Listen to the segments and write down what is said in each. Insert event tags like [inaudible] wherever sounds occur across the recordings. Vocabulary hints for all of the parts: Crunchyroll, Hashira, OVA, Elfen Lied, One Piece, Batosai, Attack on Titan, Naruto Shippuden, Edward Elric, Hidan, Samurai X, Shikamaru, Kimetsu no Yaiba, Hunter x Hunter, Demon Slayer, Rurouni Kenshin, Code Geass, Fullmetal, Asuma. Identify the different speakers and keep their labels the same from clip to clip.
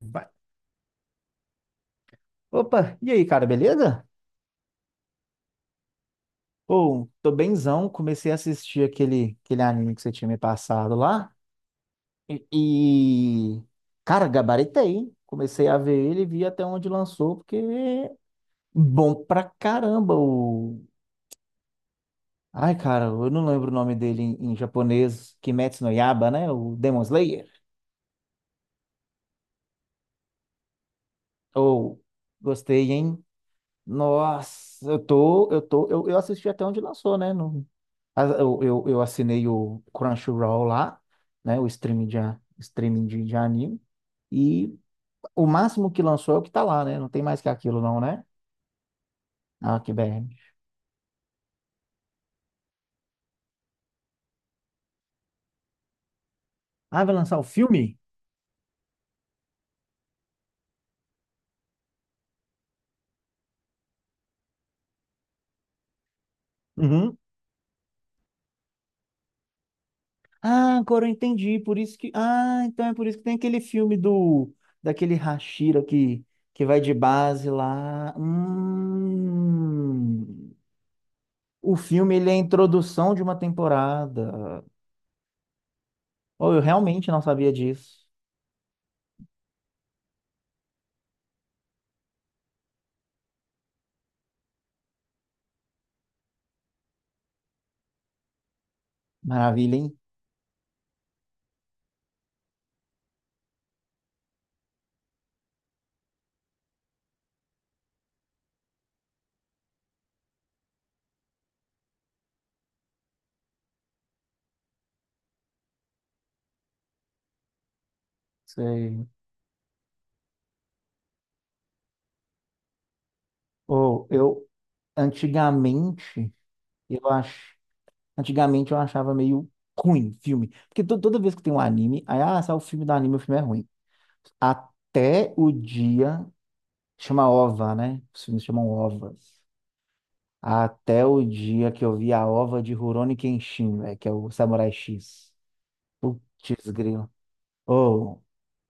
Speaker 1: Vai. Opa, e aí, cara, beleza? Pô, tô bemzão, comecei a assistir aquele anime que você tinha me passado lá. E cara, gabaritei, hein? Comecei a ver ele e vi até onde lançou, porque é bom pra caramba o. Ai, cara, eu não lembro o nome dele em japonês. Kimetsu no Yaiba, né? O Demon Slayer. Ou, gostei, hein? Nossa, eu assisti até onde lançou, né? No, a- eu assinei o Crunchyroll lá, né? O streaming de anime. E o máximo que lançou é o que tá lá, né? Não tem mais que aquilo, não, né? Ah, que BR. Ah, vai lançar o filme? Uhum. Ah, agora eu entendi. Por isso que. Ah, então é por isso que tem aquele filme do. Daquele Hashira que vai de base lá. Hum. O filme, ele é a introdução de uma temporada. Oh, eu realmente não sabia disso. Maravilha, hein? Sei. Oh, antigamente, eu acho, antigamente eu achava meio ruim filme, porque toda vez que tem um anime, aí sai o filme do anime, o filme é ruim. Até o dia chama OVA, né? Os filmes chamam OVAs. Até o dia que eu vi a OVA de Rurouni Kenshin, velho, que é o Samurai X. Putz, grilo. Oh,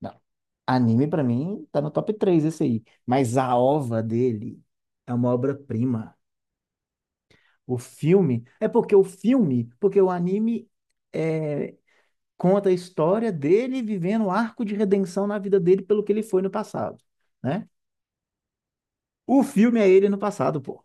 Speaker 1: não. Anime pra mim tá no top 3 esse aí. Mas a ova dele é uma obra-prima. O filme é porque o filme, porque o anime é, conta a história dele vivendo o arco de redenção na vida dele pelo que ele foi no passado, né? O filme é ele no passado, pô.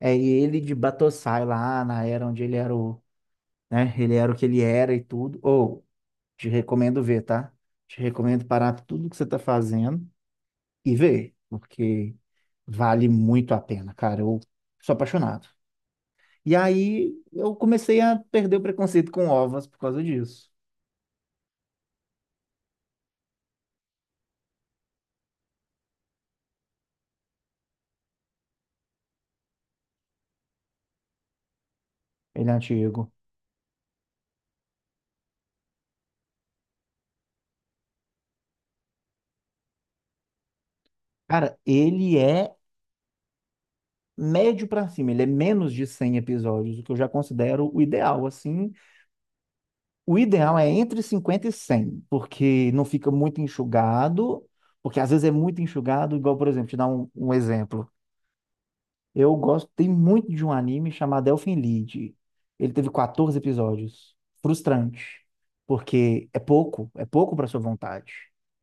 Speaker 1: É ele de Batosai lá na era onde ele era o, né? Ele era o que ele era e tudo. Ou te recomendo ver, tá? Te recomendo parar tudo que você tá fazendo e vê, porque vale muito a pena, cara. Eu sou apaixonado. E aí eu comecei a perder o preconceito com ovas por causa disso. Ele é antigo. Cara, ele é médio pra cima, ele é menos de 100 episódios, o que eu já considero o ideal, assim. O ideal é entre 50 e 100 porque não fica muito enxugado, porque às vezes é muito enxugado, igual, por exemplo, te dar um exemplo. Eu gostei muito de um anime chamado Elfen Lied. Ele teve 14 episódios. Frustrante, porque é pouco para sua vontade,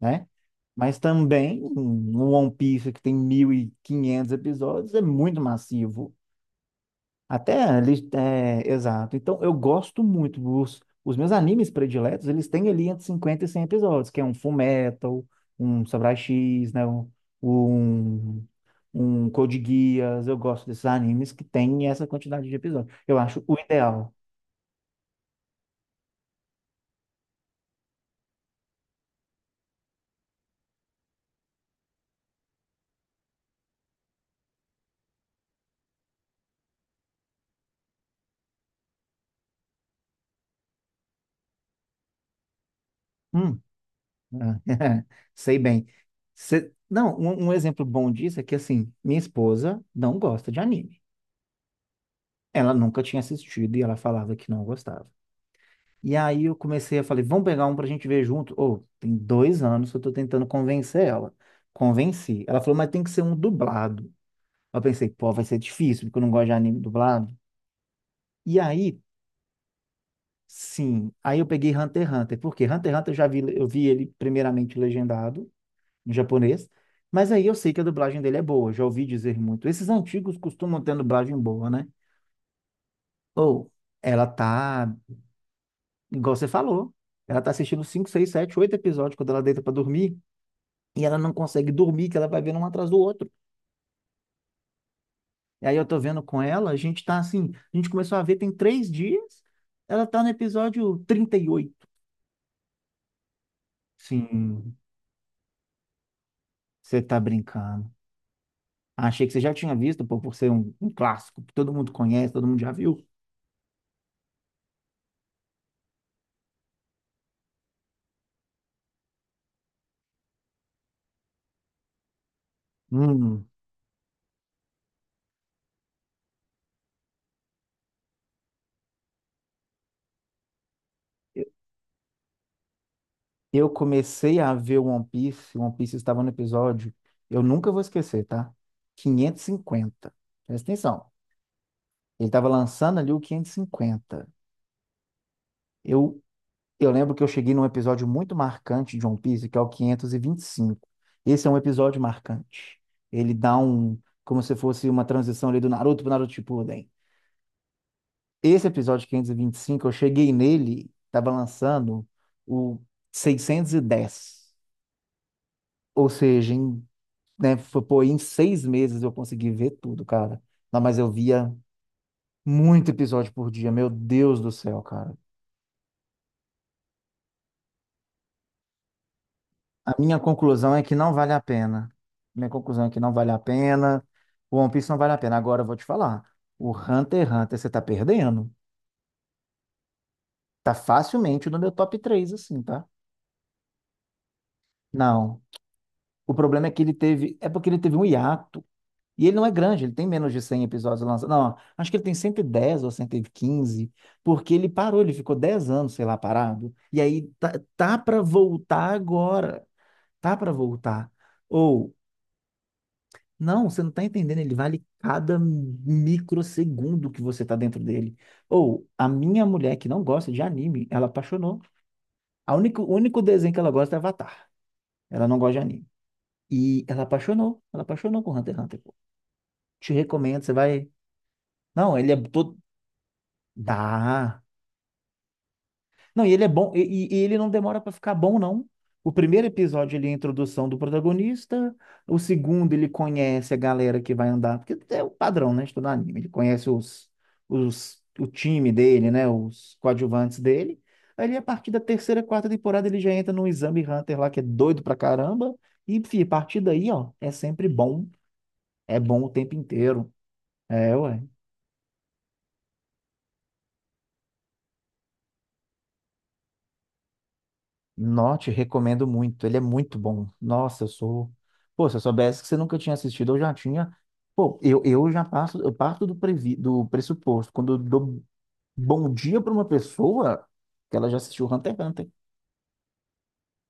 Speaker 1: né? Mas também um One Piece que tem 1.500 episódios é muito massivo. Até ali, é, exato. Então eu gosto muito dos os meus animes prediletos, eles têm ali entre 50 e 100 episódios, que é um Fullmetal, um Samurai X, né? Um um Code Geass, eu gosto desses animes que tem essa quantidade de episódios. Eu acho o ideal. Hum, é, [laughs] sei bem. Não, um exemplo bom disso é que, assim, minha esposa não gosta de anime. Ela nunca tinha assistido e ela falava que não gostava. E aí eu comecei a falar, vamos pegar um pra gente ver junto. Ô, tem 2 anos que eu tô tentando convencer ela. Convenci. Ela falou, mas tem que ser um dublado. Eu pensei, pô, vai ser difícil, porque eu não gosto de anime dublado. E aí, sim, aí eu peguei Hunter x Hunter, porque Hunter x Hunter eu já vi, eu vi ele primeiramente legendado em japonês, mas aí eu sei que a dublagem dele é boa, já ouvi dizer muito. Esses antigos costumam ter dublagem boa, né? Ou ela tá, igual você falou, ela tá assistindo 5 6 7 8 episódios quando ela deita pra dormir, e ela não consegue dormir, que ela vai vendo um atrás do outro. E aí eu tô vendo com ela, a gente tá assim, a gente começou a ver tem 3 dias, ela tá no episódio 38. Sim, você tá brincando. Achei que você já tinha visto, pô, por ser um clássico que todo mundo conhece, todo mundo já viu. Hum, eu eu comecei a ver One Piece, One Piece estava no episódio, eu nunca vou esquecer, tá? 550. Presta atenção. Ele estava lançando ali o 550. Eu, eu lembro que eu cheguei num episódio muito marcante de One Piece, que é o 525. Esse é um episódio marcante. Ele dá um, como se fosse uma transição ali do Naruto pro Naruto Shippuden. Esse episódio quinhentos e vinte e cinco eu cheguei nele, estava lançando o 610. Ou seja, em, né, foi, pô, em 6 meses eu consegui ver tudo, cara. Não, mas eu via muito episódio por dia, meu Deus do céu, cara. A minha conclusão é que não vale a pena. Minha conclusão é que não vale a pena. O One Piece não vale a pena. Agora eu vou te falar. O Hunter x Hunter você tá perdendo. Tá facilmente no meu top 3 assim, tá? Não. O problema é que ele teve. É porque ele teve um hiato. E ele não é grande, ele tem menos de 100 episódios lançados. Não, acho que ele tem 110 ou 115, porque ele parou, ele ficou 10 anos, sei lá, parado. E aí tá para voltar agora. Tá para voltar. Ou, não, você não tá entendendo, ele vale cada microsegundo que você tá dentro dele. Ou, a minha mulher que não gosta de anime, ela apaixonou. A único o único desenho que ela gosta é Avatar. Ela não gosta de anime. E ela apaixonou com Hunter x Hunter, pô. Te recomendo, você vai. Não, ele é to- Dá. Não, e ele é bom, e ele não demora pra ficar bom, não. O primeiro episódio ele é a introdução do protagonista, o segundo ele conhece a galera que vai andar, porque é o padrão, né, de todo anime, ele conhece o time dele, né, os coadjuvantes dele, aí a partir da terceira, quarta temporada ele já entra no Exame Hunter lá, que é doido pra caramba, e, a partir daí, ó, é sempre bom, é bom o tempo inteiro. É, ué. Note, recomendo muito. Ele é muito bom. Nossa, eu sou. Pô, se eu soubesse que você nunca tinha assistido, eu já tinha. Pô, eu parto do pressuposto. Quando eu dou bom dia para uma pessoa, que ela já assistiu Hunter x Hunter.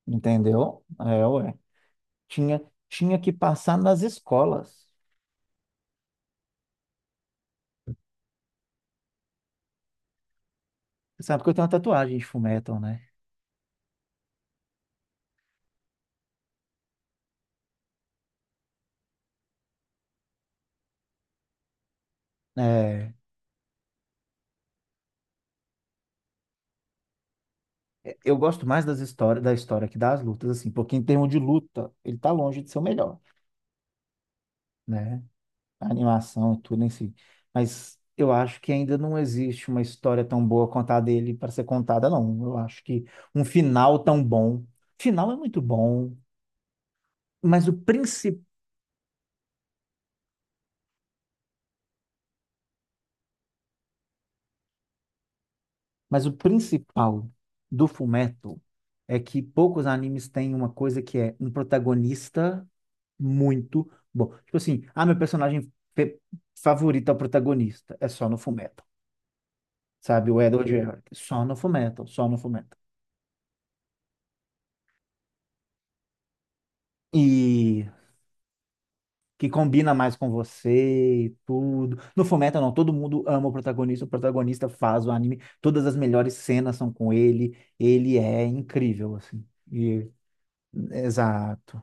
Speaker 1: Entendeu? É, ué. Tinha, tinha que passar nas escolas. Você sabe que eu tenho uma tatuagem de Fullmetal, né? É, eu gosto mais das histórias, da história que das lutas, assim, porque em termos de luta, ele tá longe de ser o melhor, né? A animação e tudo em si. Mas eu acho que ainda não existe uma história tão boa quanto a dele para ser contada, não. Eu acho que um final tão bom. Final é muito bom, mas o princi... mas o principal do Fullmetal é que poucos animes têm uma coisa que é um protagonista muito bom. Tipo assim, meu personagem favorito é o protagonista. É só no Fullmetal. Sabe, o Edward Elric, só no Fullmetal, só no Fullmetal. E que combina mais com você e tudo. No Fullmetal, não, todo mundo ama o protagonista faz o anime, todas as melhores cenas são com ele, ele é incrível, assim. E- Exato.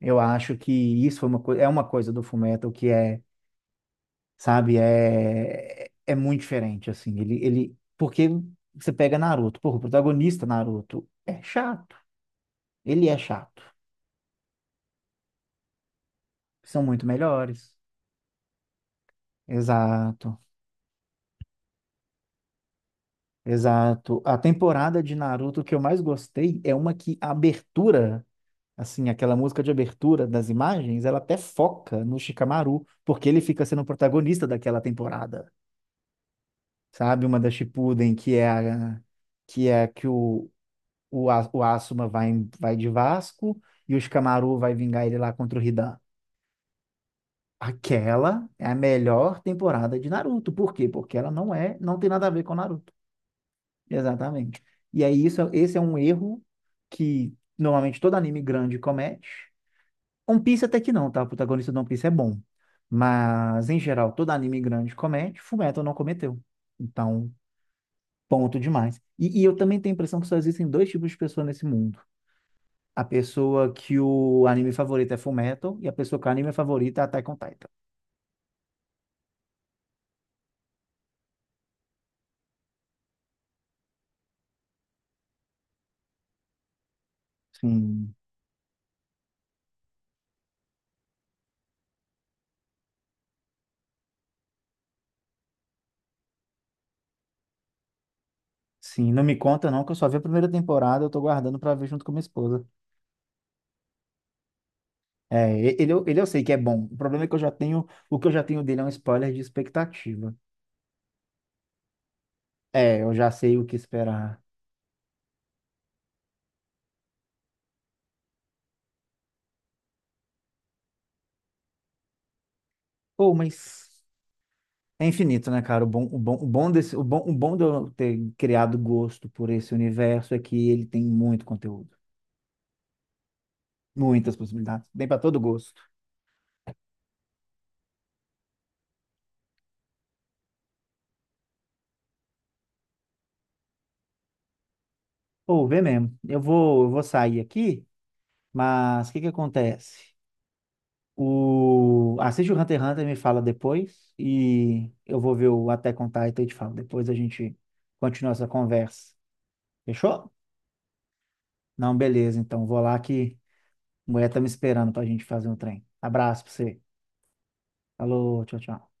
Speaker 1: Eu acho que isso foi uma coi- é uma coisa do Fullmetal que é, sabe, é muito diferente, assim. Porque você pega Naruto, porra, o protagonista Naruto é chato, ele é chato. São muito melhores. Exato. Exato. A temporada de Naruto que eu mais gostei é uma que a abertura, assim, aquela música de abertura das imagens, ela até foca no Shikamaru, porque ele fica sendo o protagonista daquela temporada. Sabe, uma da Shippuden, que é a que o, o Asuma vai de Vasco e o Shikamaru vai vingar ele lá contra o Hidan. Aquela é a melhor temporada de Naruto. Por quê? Porque ela não é, não tem nada a ver com Naruto. Exatamente. E aí, isso, é, esse é um erro que normalmente todo anime grande comete. One Piece até que não, tá? O protagonista do One Piece é bom. Mas, em geral, todo anime grande comete, Fullmetal não cometeu. Então, ponto demais. E eu também tenho a impressão que só existem dois tipos de pessoa nesse mundo. A pessoa que o anime favorito é Fullmetal e a pessoa que o anime favorito é Attack on Titan. Sim, sim, não me conta não, que eu só vi a primeira temporada, eu tô guardando pra ver junto com minha esposa. É, ele eu sei que é bom. O problema é que eu já tenho, o que eu já tenho dele é um spoiler de expectativa. É, eu já sei o que esperar. Pô, mas é infinito, né, cara? O bom de eu ter criado gosto por esse universo é que ele tem muito conteúdo, muitas possibilidades, bem para todo gosto. Pô, vê mesmo. Eu vou sair aqui, mas o que que acontece? Assiste o Hunter x Hunter e me fala depois. E eu vou ver o Attack on Titan e te falo. Depois a gente continua essa conversa. Fechou? Não, beleza. Então vou lá que a mulher tá me esperando pra gente fazer um trem. Abraço pra você. Falou, tchau, tchau.